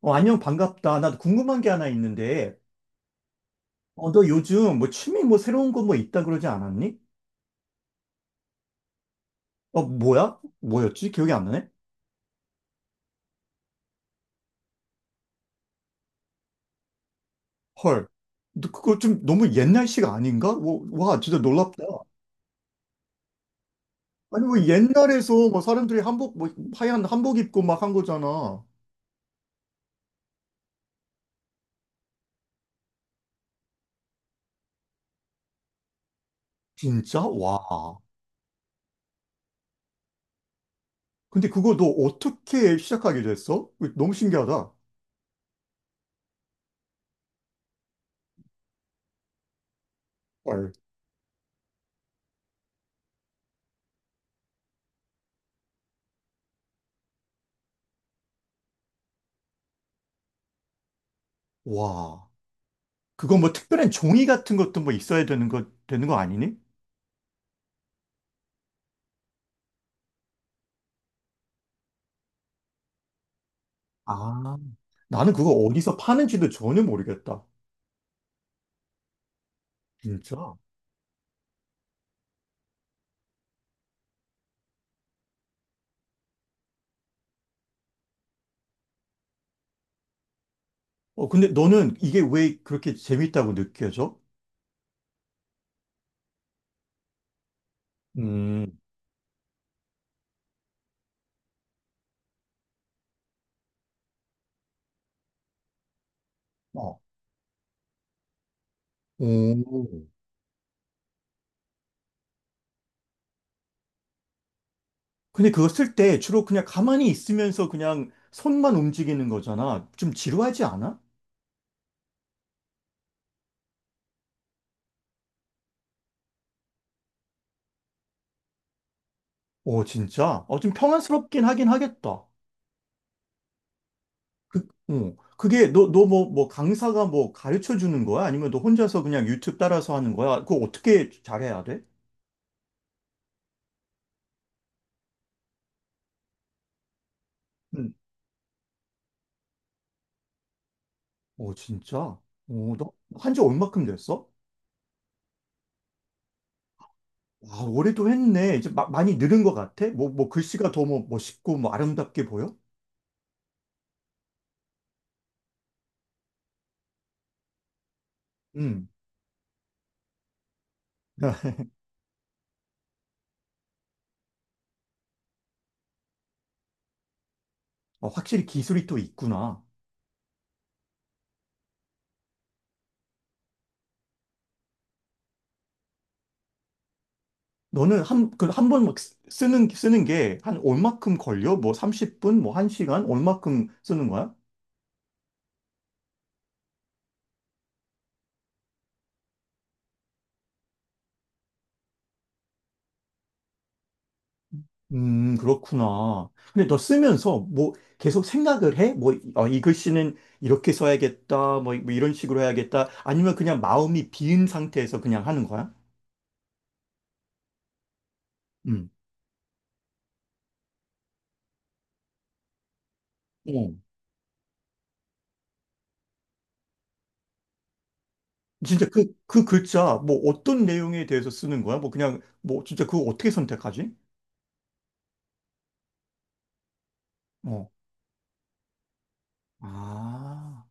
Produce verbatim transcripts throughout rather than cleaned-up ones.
어, 안녕, 반갑다. 나도 궁금한 게 하나 있는데, 어, 너 요즘 뭐 취미 뭐 새로운 거 뭐 있다 그러지 않았니? 어, 뭐야? 뭐였지? 기억이 안 나네? 헐. 너 그거 좀 너무 옛날식 아닌가? 뭐, 와, 진짜 놀랍다. 아니, 뭐 옛날에서 뭐 사람들이 한복, 뭐 하얀 한복 입고 막 한 거잖아. 진짜? 와. 근데 그거 너 어떻게 시작하게 됐어? 그거 너무 신기하다. 헐. 와. 그거 뭐 특별한 종이 같은 것도 뭐 있어야 되는 거, 되는 거 아니니? 아. 나는 그거 어디서 파는지도 전혀 모르겠다. 진짜? 어, 근데 너는 이게 왜 그렇게 재밌다고 느껴져? 음, 어. 오, 근데 그거 쓸 때 주로 그냥 가만히 있으면서 그냥 손만 움직이는 거잖아. 좀 지루하지 않아? 어, 진짜? 어, 좀 평안스럽긴 하긴 하겠다. 그, 어. 그게 너, 너 뭐, 뭐 강사가 뭐 가르쳐 주는 거야? 아니면 너 혼자서 그냥 유튜브 따라서 하는 거야? 그거 어떻게 잘해야 돼? 음. 어, 진짜? 어, 너 한지 얼마큼 됐어? 아, 올해도 했네. 이제 마- 많이 늘은 것 같아? 뭐, 뭐, 글씨가 더 뭐, 멋있고, 뭐, 아름답게 보여? 음. 어, 확실히 기술이 또 있구나. 너는 한, 그, 한 번 막 쓰- 쓰는, 쓰는 게 한 얼마큼 걸려? 뭐, 삼십 분, 뭐, 한 시간? 얼마큼 쓰는 거야? 음, 그렇구나. 근데 너 쓰면서 뭐, 계속 생각을 해? 뭐, 어, 이 글씨는 이렇게 써야겠다. 뭐, 이- 뭐 이런 식으로 해야겠다. 아니면 그냥 마음이 비은 상태에서 그냥 하는 거야? 음. 진짜 그, 그 글자, 뭐 어떤 내용에 대해서 쓰는 거야? 뭐 그냥, 뭐 진짜 그거 어떻게 선택하지? 어. 아,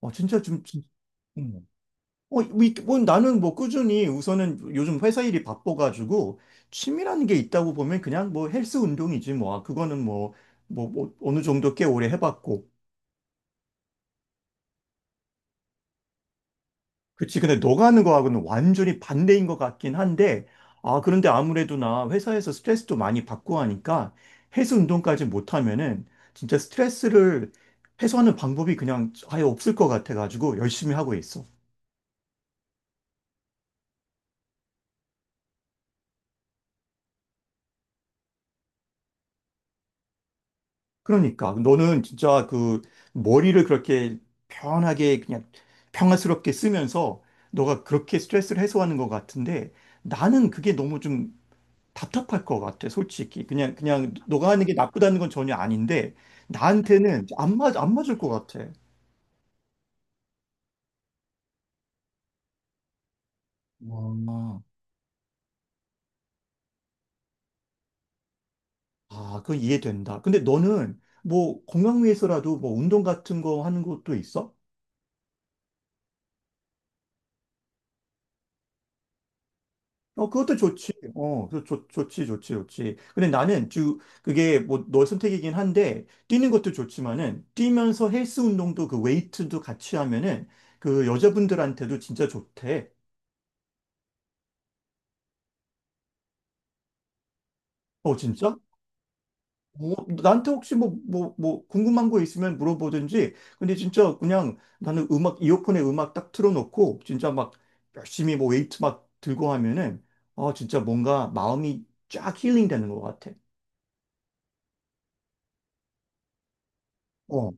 어, 진짜 좀, 진, 음. 어, 뭐, 이- 뭐 나는 뭐 꾸준히 우선은 요즘 회사 일이 바빠가지고 취미라는 게 있다고 보면 그냥 뭐 헬스 운동이지 뭐. 아, 그거는 뭐, 뭐, 뭐 어느 정도 꽤 오래 해봤고. 그치. 근데 너가 하는 거하고는 완전히 반대인 것 같긴 한데, 아, 그런데 아무래도 나 회사에서 스트레스도 많이 받고 하니까 해수 운동까지 못하면은 진짜 스트레스를 해소하는 방법이 그냥 아예 없을 것 같아가지고 열심히 하고 있어. 그러니까 너는 진짜 그 머리를 그렇게 편하게 그냥 평화스럽게 쓰면서 너가 그렇게 스트레스를 해소하는 것 같은데 나는 그게 너무 좀 답답할 것 같아, 솔직히. 그냥, 그냥 너가 하는 게 나쁘다는 건 전혀 아닌데, 나한테는 안 맞, 안 맞을 것 같아. 와, 아, 그건 이해된다. 근데 너는 뭐 건강 위해서라도 뭐 운동 같은 거 하는 것도 있어? 어, 그것도 좋지. 어, 그 좋, 좋지, 좋지, 좋지. 근데 나는 주, 그게 뭐 너의 선택이긴 한데, 뛰는 것도 좋지만은, 뛰면서 헬스 운동도 그 웨이트도 같이 하면은, 그 여자분들한테도 진짜 좋대. 어, 진짜? 뭐, 나한테 혹시 뭐, 뭐, 뭐, 궁금한 거 있으면 물어보든지. 근데 진짜 그냥 나는 음악, 이어폰에 음악 딱 틀어놓고, 진짜 막 열심히 뭐 웨이트 막 들고 하면은, 어, 진짜 뭔가 마음이 쫙 힐링 되는 것 같아. 어,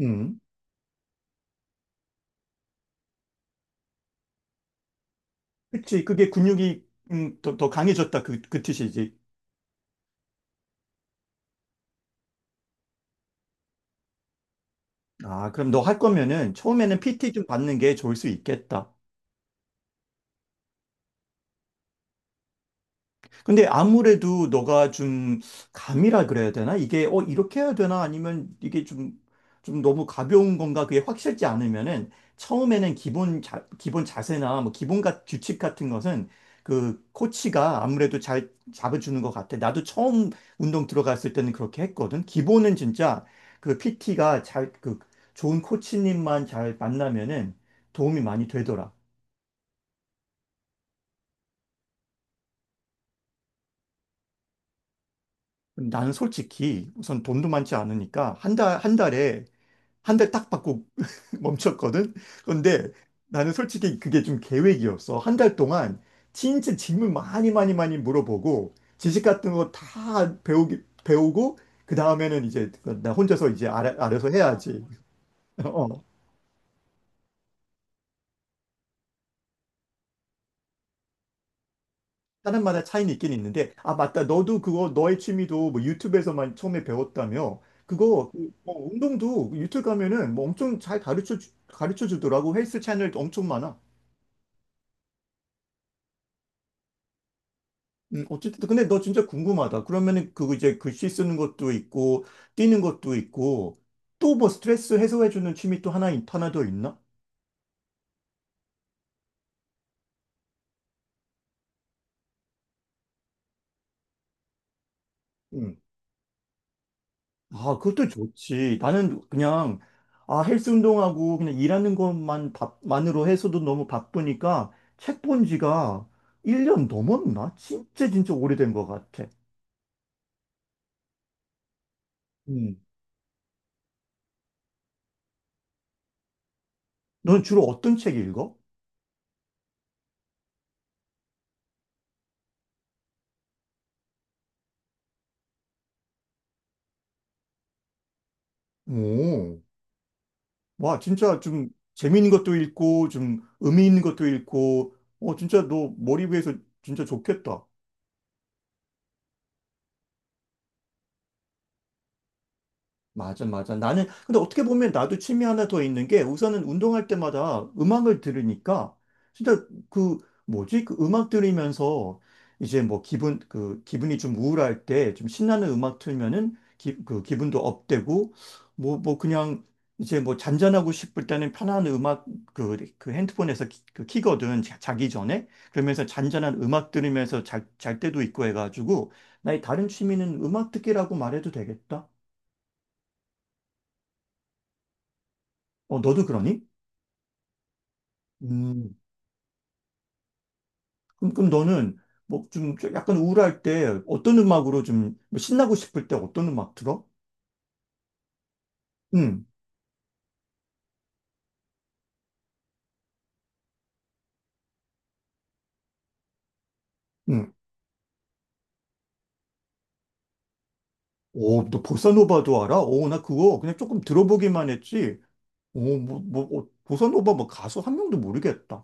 음. 그치. 그게 근육이, 음, 더, 더 강해졌다. 그, 그 뜻이지. 아, 그럼 너 할 거면은 처음에는 피티 좀 받는 게 좋을 수 있겠다. 근데 아무래도 너가 좀 감이라 그래야 되나? 이게 어 이렇게 해야 되나? 아니면 이게 좀 좀 너무 가벼운 건가? 그게 확실치 않으면은 처음에는 기본 자, 기본 자세나 뭐 기본 같 규칙 같은 것은 그 코치가 아무래도 잘 잡아주는 것 같아. 나도 처음 운동 들어갔을 때는 그렇게 했거든. 기본은 진짜 그 피티가 잘 그 좋은 코치님만 잘 만나면은 도움이 많이 되더라. 나는 솔직히 우선 돈도 많지 않으니까 한 달, 한 달에 한 달 딱 받고 멈췄거든. 그런데 나는 솔직히 그게 좀 계획이었어. 한 달 동안 진짜 질문 많이 많이 많이 물어보고 지식 같은 거 다 배우기 배우고 그 다음에는 이제 나 혼자서 이제 알아, 알아서 해야지. 어. 사람마다 차이는 있긴 있는데 아 맞다 너도 그거 너의 취미도 뭐 유튜브에서만 처음에 배웠다며 그거 그, 뭐 운동도 유튜브 가면은 뭐 엄청 잘 가르쳐 주- 가르쳐 주더라고 헬스 채널도 엄청 많아. 음, 어쨌든 근데 너 진짜 궁금하다. 그러면은 그거 이제 글씨 쓰는 것도 있고 뛰는 것도 있고 또 뭐 스트레스 해소해 주는 취미 또 하나 있- 하나 더 있나? 음. 아, 그것도 좋지. 나는 그냥 아, 헬스 운동하고 그냥 일하는 것만 밥만으로 해서도 너무 바쁘니까 책 본 지가 일 년 넘었나? 진짜 진짜 오래된 것 같아. 음. 넌 주로 어떤 책 읽어? 오. 와, 진짜 좀 재미있는 것도 읽고, 좀 의미 있는 것도 읽고, 어, 진짜 너 머리 위해서 진짜 좋겠다. 맞아, 맞아. 나는, 근데 어떻게 보면 나도 취미 하나 더 있는 게 우선은 운동할 때마다 음악을 들으니까 진짜 그 뭐지? 그 음악 들으면서 이제 뭐 기분, 그 기분이 좀 우울할 때 좀 신나는 음악 틀면은 기, 그 기분도 업되고 뭐, 뭐 그냥 이제 뭐 잔잔하고 싶을 때는 편한 음악 그, 그 핸드폰에서 키, 그 키거든. 자, 자기 전에. 그러면서 잔잔한 음악 들으면서 잘, 잘 때도 있고 해가지고 나의 다른 취미는 음악 듣기라고 말해도 되겠다. 어, 너도 그러니? 음, 그럼, 그럼 너는 뭐 좀 약간 우울할 때 어떤 음악으로 좀뭐 신나고 싶을 때 어떤 음악 들어? 응, 응. 오, 너 보사노바도 알아? 오, 나 그거 그냥 조금 들어보기만 했지. 오, 뭐, 뭐, 어, 보사노바 뭐 가수 한 명도 모르겠다.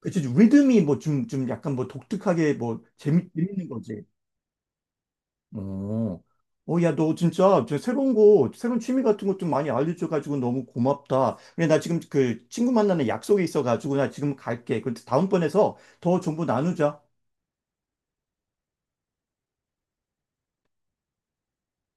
그치, 리듬이 뭐 좀, 좀 약간 뭐 독특하게 뭐 재밌, 재밌는 거지. 어, 어, 야, 너 진짜 저 새로운 거, 새로운 취미 같은 것 좀 많이 알려줘가지고 너무 고맙다. 근데 나 지금 그 친구 만나는 약속이 있어가지고 나 지금 갈게. 그데 다음번에서 더 정보 나누자.